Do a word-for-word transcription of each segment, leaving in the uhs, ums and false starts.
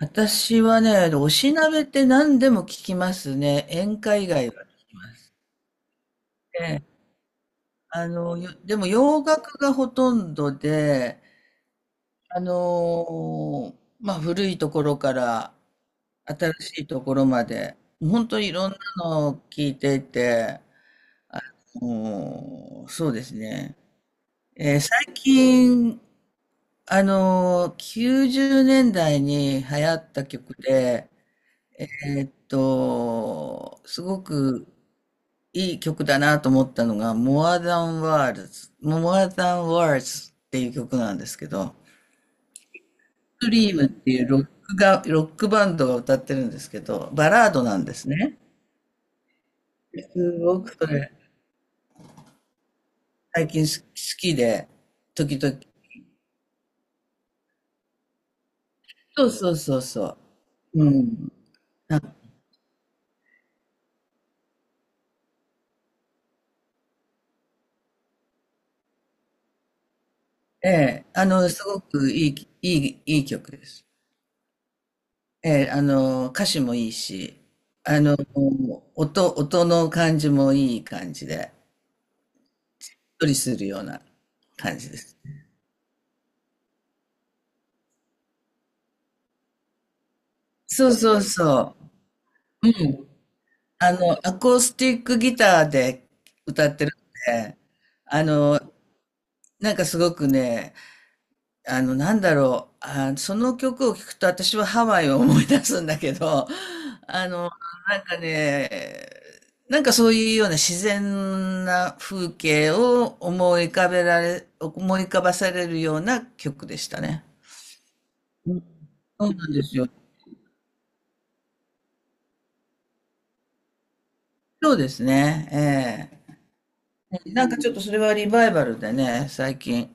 私はね、おしなべって何でも聞きますね。演歌以外は聞きます。で、あの、よでも洋楽がほとんどで、あのーまあ古いところから新しいところまで、本当にいろんなのを聞いていて、もう、そうですね。えー最近、あのーきゅうじゅうねんだいに流行った曲で、えーっと、すごくいい曲だなと思ったのが、More Than Words、More Than Words っていう曲なんですけど、ストリームっていうロックが、ロックバンドが歌ってるんですけど、バラードなんですね。すごくそれ、最近す好きで、時々。そうそうそうそう。うん。なえあの、すごくいい、いい、いい曲です。ええ、あの、歌詞もいいし、あの、音、音の感じもいい感じで。っとりするような感じです。そうそうそう。うん。あの、アコースティックギターで歌ってるんで、あの、なんかすごくね、あの、なんだろう、あ、その曲を聴くと私はハワイを思い出すんだけど、あの、なんかね、なんかそういうような自然な風景を思い浮かべられ、思い浮かばされるような曲でしたね。うん、そうなんですよ。そうですね。ええ、なんかちょっとそれはリバイバルでね、最近、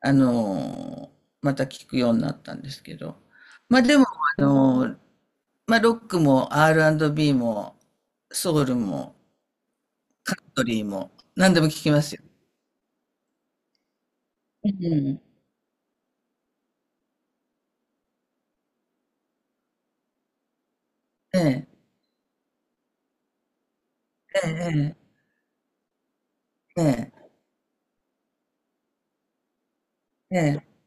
あのーまた聞くようになったんですけど。まあでも、あのーまあロックも アールアンドビー もソウルもカントリーも何でも聞きますよ。うん。ええ、ええ、ええ、ええ、ええ、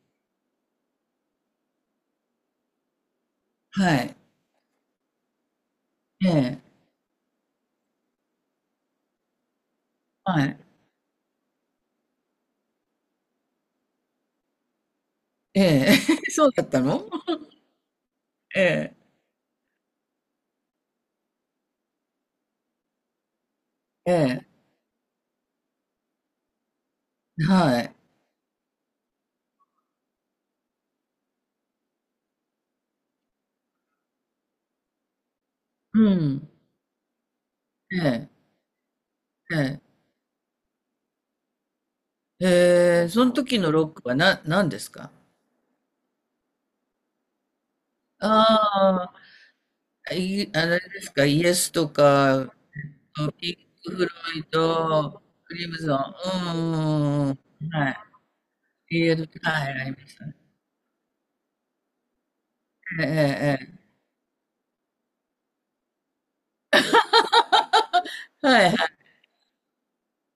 はい、ええ、はい、ええ、そうだったの。ええ、ええ、はい、うん、ええ、ええ、ええ、その時のロックはな、何ですか？あい、あれですか、イエスとか、ピンク・フロイド、クリムゾン、うんうんうんうん、はい、p l ル、はい、ありましたね。ええ、ええ、はい、はい。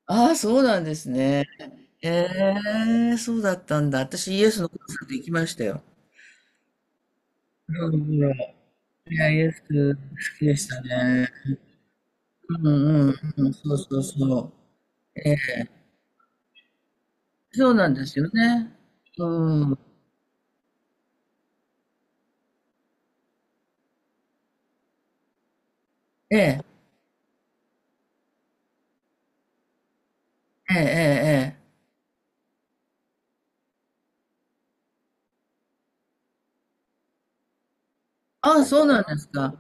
ああ、そうなんですね。ええ、そうだったんだ。私、イエスのコンサート行きましたよ。うんうん。いや、イエス好きでしたね。うんうんうん、そうそうそう。ええ、そうなんですよね。うん。ええ、ええ、ええ。ええ、ああ、そうなんですか。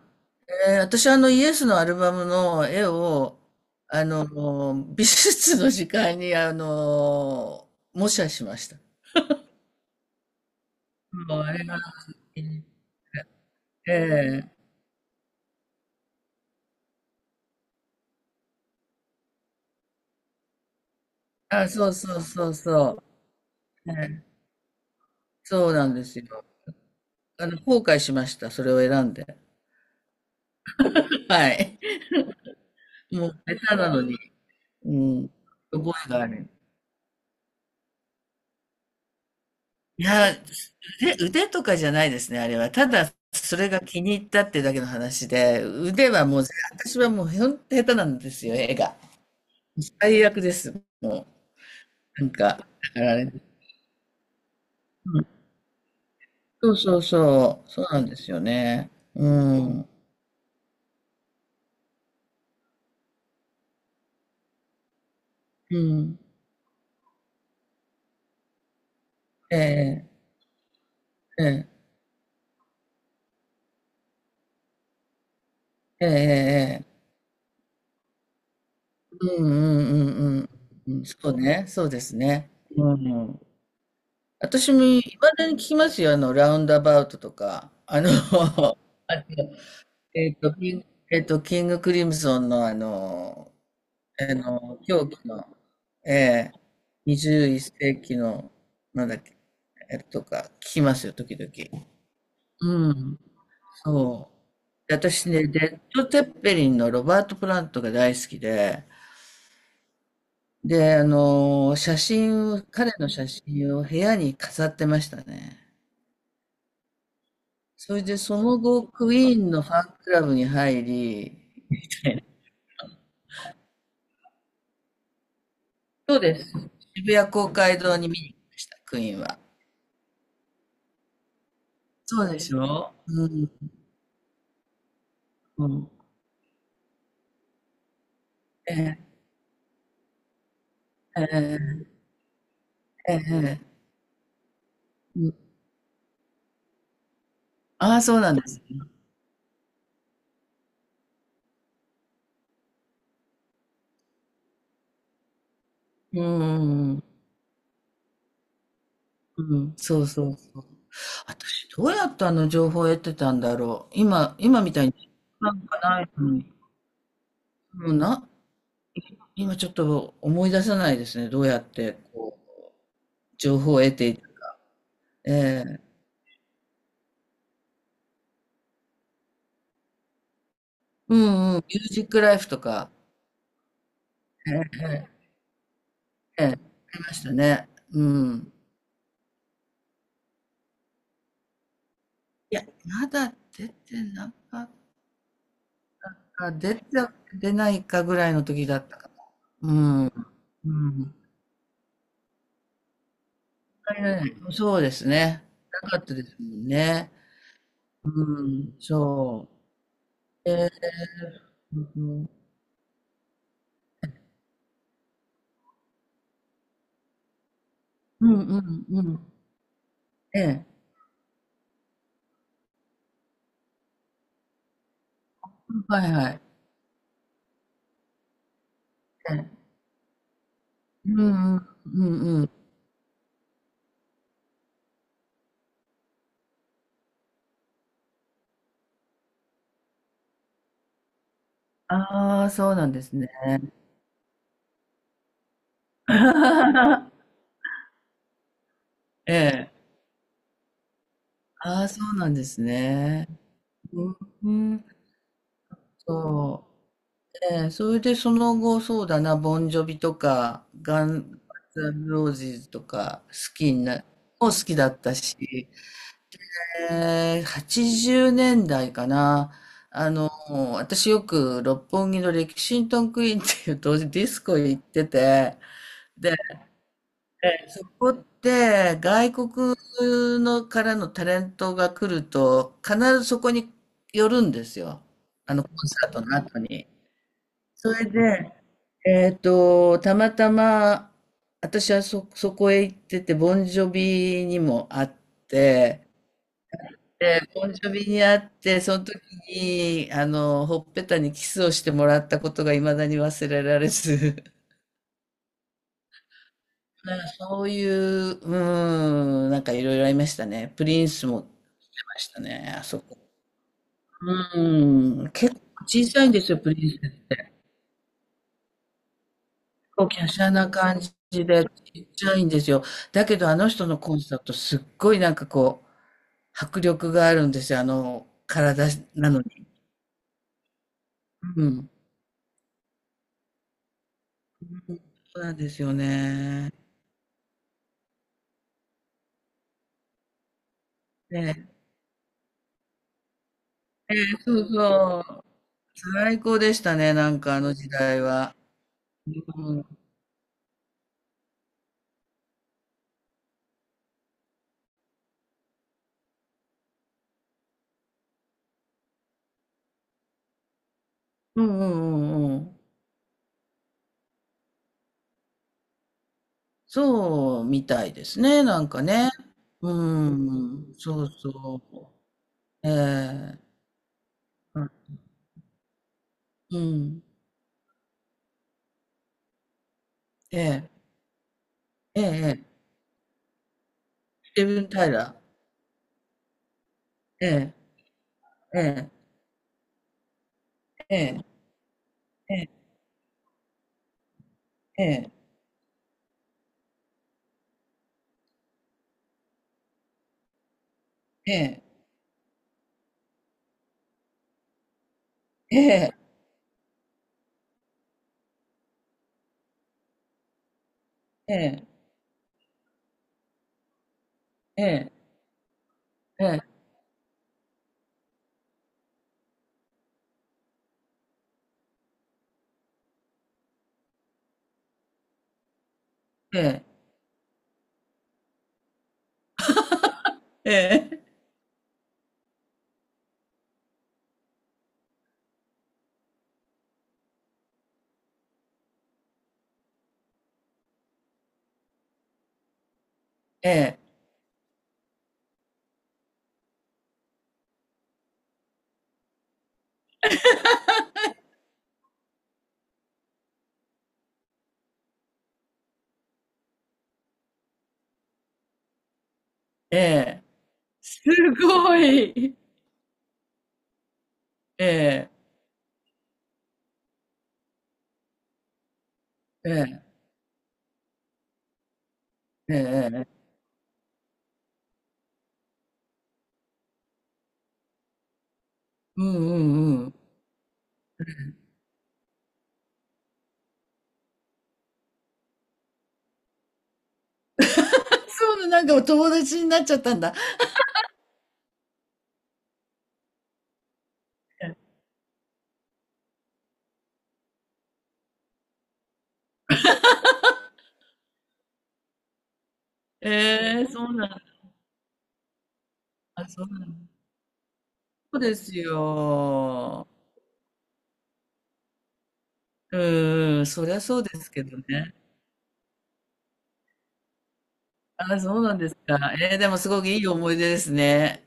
えー私はあのイエスのアルバムの絵を、あの、美術の時間に、あの、模写しました。もうあれが、ええ、あ、そうそうそうそう。ええ、そうなんですよ。あの、後悔しました。それを選んで。はい。もう、下手なのに。うん。覚えがある。いや、腕、腕とかじゃないですね、あれは。ただ、それが気に入ったっていうだけの話で、腕はもう、私はもう、ほんと下手なんですよ、絵が。最悪です。もう、なんか、だからあれ、うん、そうそうそう、そうなんですよね。うん、うん、ええ、ええ、ええ、ええ、うんうんうんうん、うん、そうね、そうですね。うん。私も、いまだに聞きますよ、あの、ラウンドアバウトとか、あの、あのえっと、キンえっと、キングクリムゾンのあの、あの、狂気の、ええ、にじゅういっせいき世紀の、なんだっけえとか聞きますよ、時々。うん。そう。で私ね、レッド・テッペリンのロバート・プラントが大好きで、で、あのー写真を、彼の写真を部屋に飾ってましたね。それで、その後、クイーンのファンクラブに入り、みたいな。そうです。渋谷公会堂に見に行きました、クイーンは。そうでしょう、ん。うん。ええ、ええ、ええ、ええ、うん、ああ、そうなんです。うん、うん、うんうん、そうそう。私、どうやってあの情報を得てたんだろう。今、今みたいに、なんかないのに。もうな、今ちょっと思い出せないですね。どうやって、こう、情報を得ていた。ええ、うんうん。ミュージックライフとか。ええ、ええ、ええ、出ましたね。うん。いや、まだ出てなかった。出て出ないかぐらいの時だったかな。うん。入らない、そうですね。なかったですもんね。うん、そう。ええ、うんうんうんうん。ええ。はいはい。ええ。うんうんうんうん。ああ、そうなんですね。ええ。ああ、そうなんですね。うん、うん、そう。ええ、それでその後、そうだな、ボンジョビとか、ガンガンズ・ロージーズとか、好きにな、も好きだったし、えー、はちじゅうねんだいかな。あの、私よく六本木のレキシントンクイーンっていう当時ディスコ行ってて、で、えーそこって外国のからのタレントが来ると必ずそこに寄るんですよ。あのコンサートの後に。それで、えっと、たまたま私はそ、そこへ行ってて、ボンジョビにも会って、で、ボンジョビに会って、その時に、あの、ほっぺたにキスをしてもらったことが未だに忘れられず、なんかそういう、うーん、なんかいろいろありましたね。プリンスも売ってましたね、あそこ。うーん、結構小さいんですよ、プリンス。結構華奢な感じで、ちっちゃいんですよ。だけどあの人のコンサート、すっごいなんかこう、迫力があるんですよ、あの、体なのに。うん、そうなんですよね。ねえ、えそうそう。最高でしたね、なんかあの時代は。うん。うんうんうんうん。そうみたいですね、なんかね。うん、そうそう。ええ、うん。ええ、ええ、ええ、スティーブン・タイラー。ええ、ええ、ええ、ええ、ええ、ええ、ええ、ええ、ええ、ええ、ええ、ええ、ええ、すごい。ええ、ええ、ええ、ええ。うんうんうん。そうな、なんかお友達になっちゃったんだ。ええー、そうなんだ。あ、そうなんだ。そうですよ。うん、そりゃそうですけどね。あ、そうなんですか。ええ、でもすごくいい思い出ですね。